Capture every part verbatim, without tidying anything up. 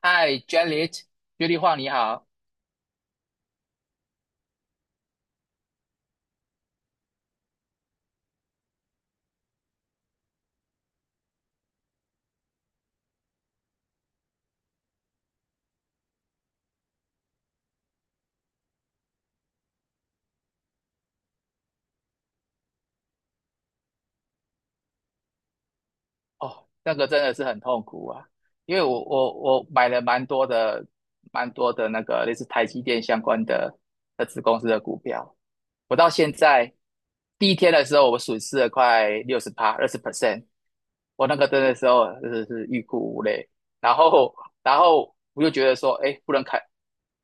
嗨，Janet，雪丽华，你好。哦，那个真的是很痛苦啊，因为我我我买了蛮多的蛮多的那个类似台积电相关的的子公司的股票，我到现在第一天的时候，我损失了快六十趴，二十 percent。我那个真的时候啊真的是欲哭无泪。然后，然后我就觉得说，哎，不能砍。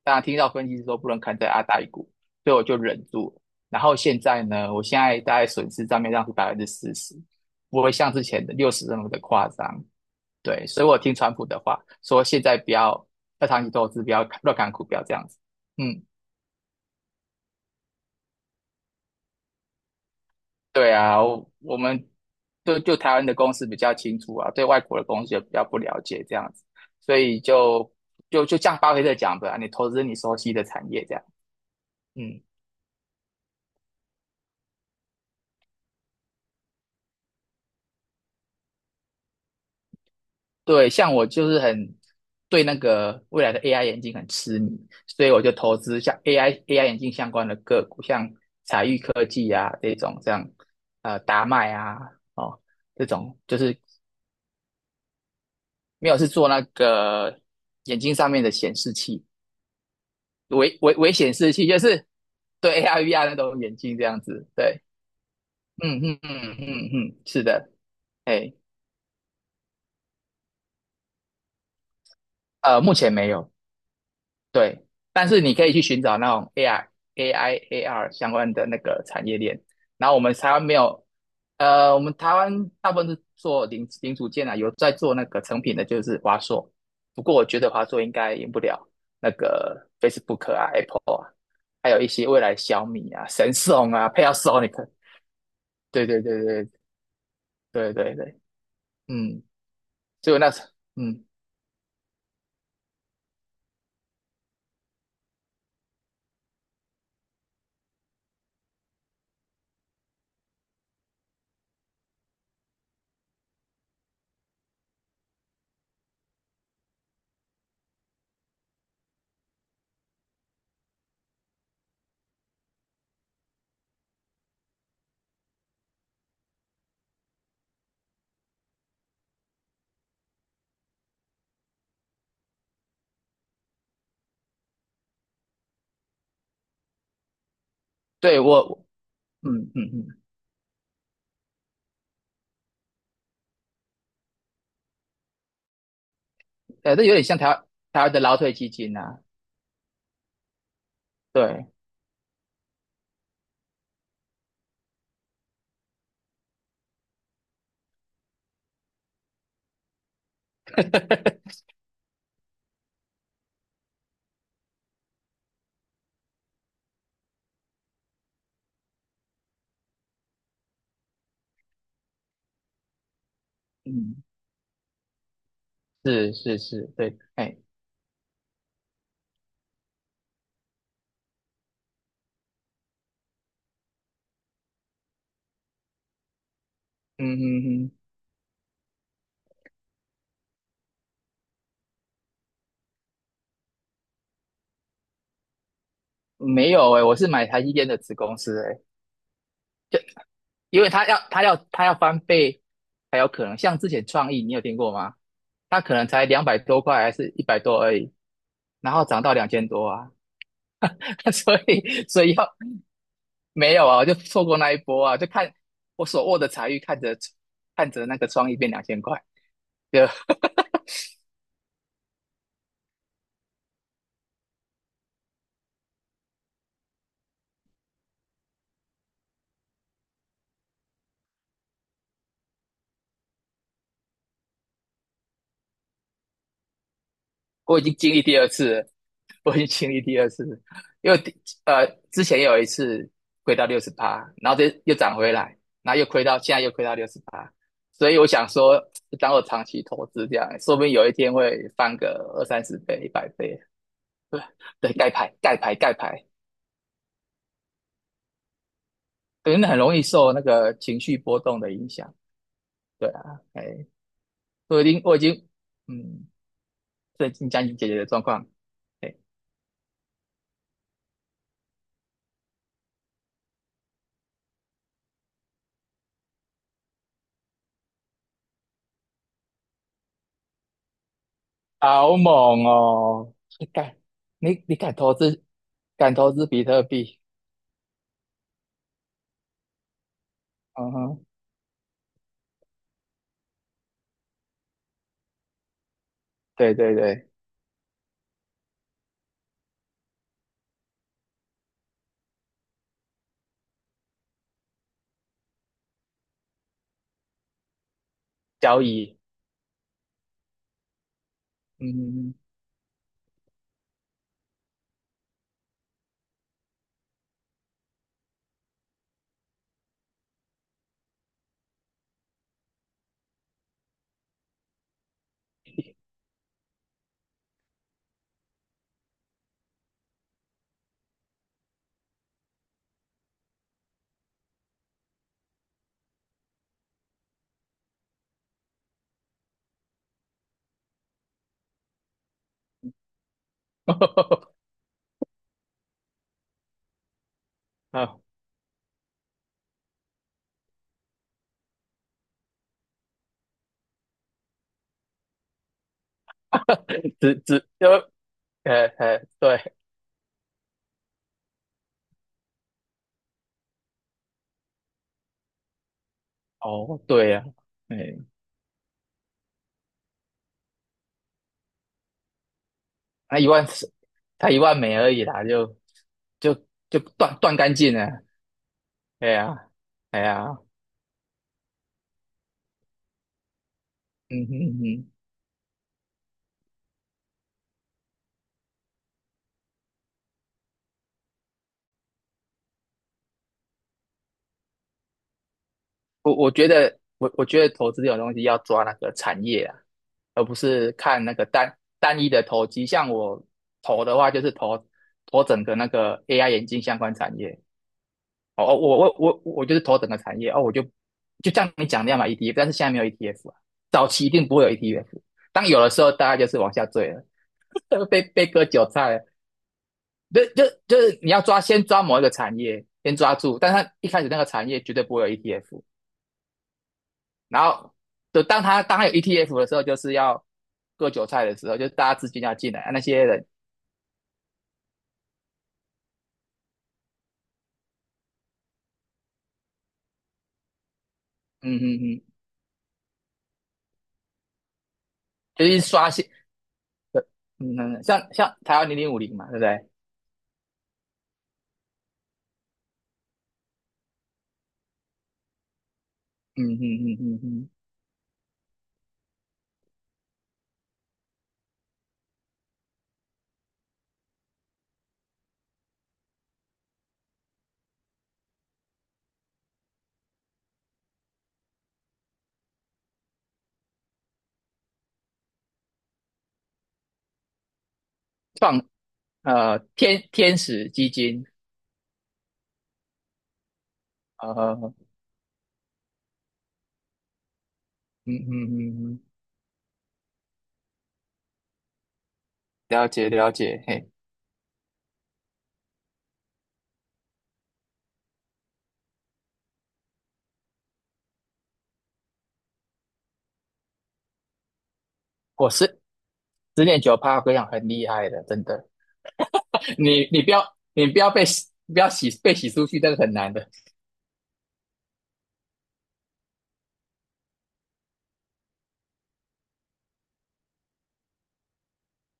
当然听到分析师说不能砍在阿达一股，所以我就忍住了。然后现在呢，我现在大概损失账面上是百分之四十，不会像之前的六十那么的夸张。对，所以我听川普的话，说现在不要要长期投资，不要乱砍股票这样子。嗯。对啊，我我们就就台湾的公司比较清楚啊，对外国的公司也比较不了解这样子，所以就就就像巴菲特讲的啊，你投资你熟悉的产业这样。嗯，对，像我就是很对那个未来的 A I 眼镜很痴迷，所以我就投资像 A I A I 眼镜相关的个股，像彩玉科技啊这种，这样呃达麦啊哦这种，就是没有是做那个眼睛上面的显示器。危危危险时期，就是对 A R、V R 那种眼镜这样子。对，嗯嗯嗯嗯嗯，是的，哎，呃，目前没有，对，但是你可以去寻找那种 A R、A I、A R 相关的那个产业链。然后我们台湾没有，呃，我们台湾大部分是做零零组件啊，有在做那个成品的，就是华硕。不过我觉得华硕应该赢不了那个 Facebook 啊、Apple 啊，还有一些未来小米啊、神送啊、Panasonic。对对对对对对对，嗯，所以我那时，嗯，对我，嗯嗯嗯，呃，这有点像台湾台湾的劳退基金啊，对，嗯，是是是，对，哎，嗯嗯嗯，没有哎、我是买台积电的子公司哎、因为它要它要它要翻倍才有可能，像之前创意你有听过吗？它可能才两百多块还是一百多而已，然后涨到两千多啊，所以所以要没有啊，我就错过那一波啊，就看我手握的财运，看着看着那个创意变两千块，就 我已经经历第二次了，我已经经历第二次了。因为第呃之前有一次亏到六十八，然后这又涨回来，然后又亏到现在又亏到六十八，所以我想说，当我长期投资这样，说不定有一天会翻个二三十倍、一百倍，对，盖牌盖牌盖牌，对，那很容易受那个情绪波动的影响，对啊，哎，我已经我已经。嗯，最近江怡姐姐的状况，对，好猛哦！你敢，你你敢投资，敢投资比特币？嗯哼，对对对，交易，嗯，啊，只只就，呃呃，对，哦，对呀、啊，哎，他一万四，他一万美而已啦，就就就断断干净了，哎呀、哎呀、嗯哼嗯哼。我我觉得我我觉得投资这种东西要抓那个产业啊，而不是看那个单单一的投机。像我投的话，就是投投整个那个 A I 眼镜相关产业。哦，哦我我我我就是投整个产业哦，我就就像你讲的要买 E T F，但是现在没有 E T F 啊，早期一定不会有 E T F。当有的时候，大家就是往下坠了，被被割韭菜了。就就就是你要抓，先抓某一个产业，先抓住，但是它一开始那个产业绝对不会有 E T F，然后就当他当他有 E T F 的时候，就是要割韭菜的时候，就是大家资金要进来，啊那些人，嗯嗯嗯，就是刷新，呃嗯嗯，嗯像像台湾零零五零嘛，对不对？嗯嗯嗯嗯嗯，创呃天天使基金，呃嗯嗯嗯嗯，了解了解，嘿，我是十点九趴，我跟你讲很厉害的，真的，你你不要你不要被洗不要洗被洗出去，那个很难的，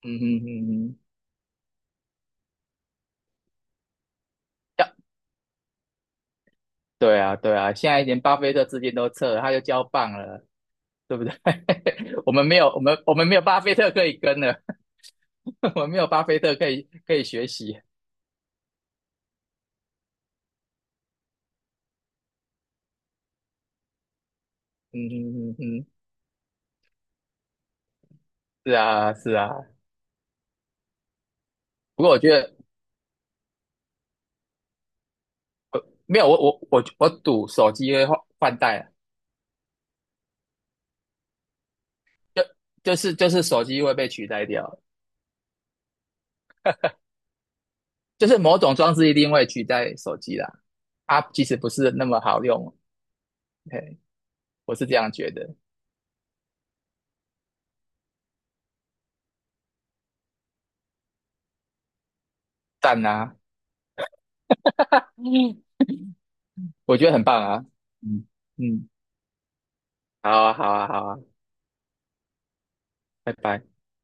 嗯嗯嗯嗯，要对啊，对啊，现在连巴菲特资金都撤了，他就交棒了，对不对？我们没有，我们我们没有巴菲特可以跟了，我们没有巴菲特可以可以学习。嗯嗯嗯嗯，是啊是啊。不过我觉得没有，我我我我赌手机会换换代啊就就是就是手机会被取代掉，就是某种装置一定会取代手机啦。啊，其实不是那么好用，嘿，我是这样觉得。赞啊，我觉得很棒啊。嗯嗯，好啊好啊好啊。拜拜。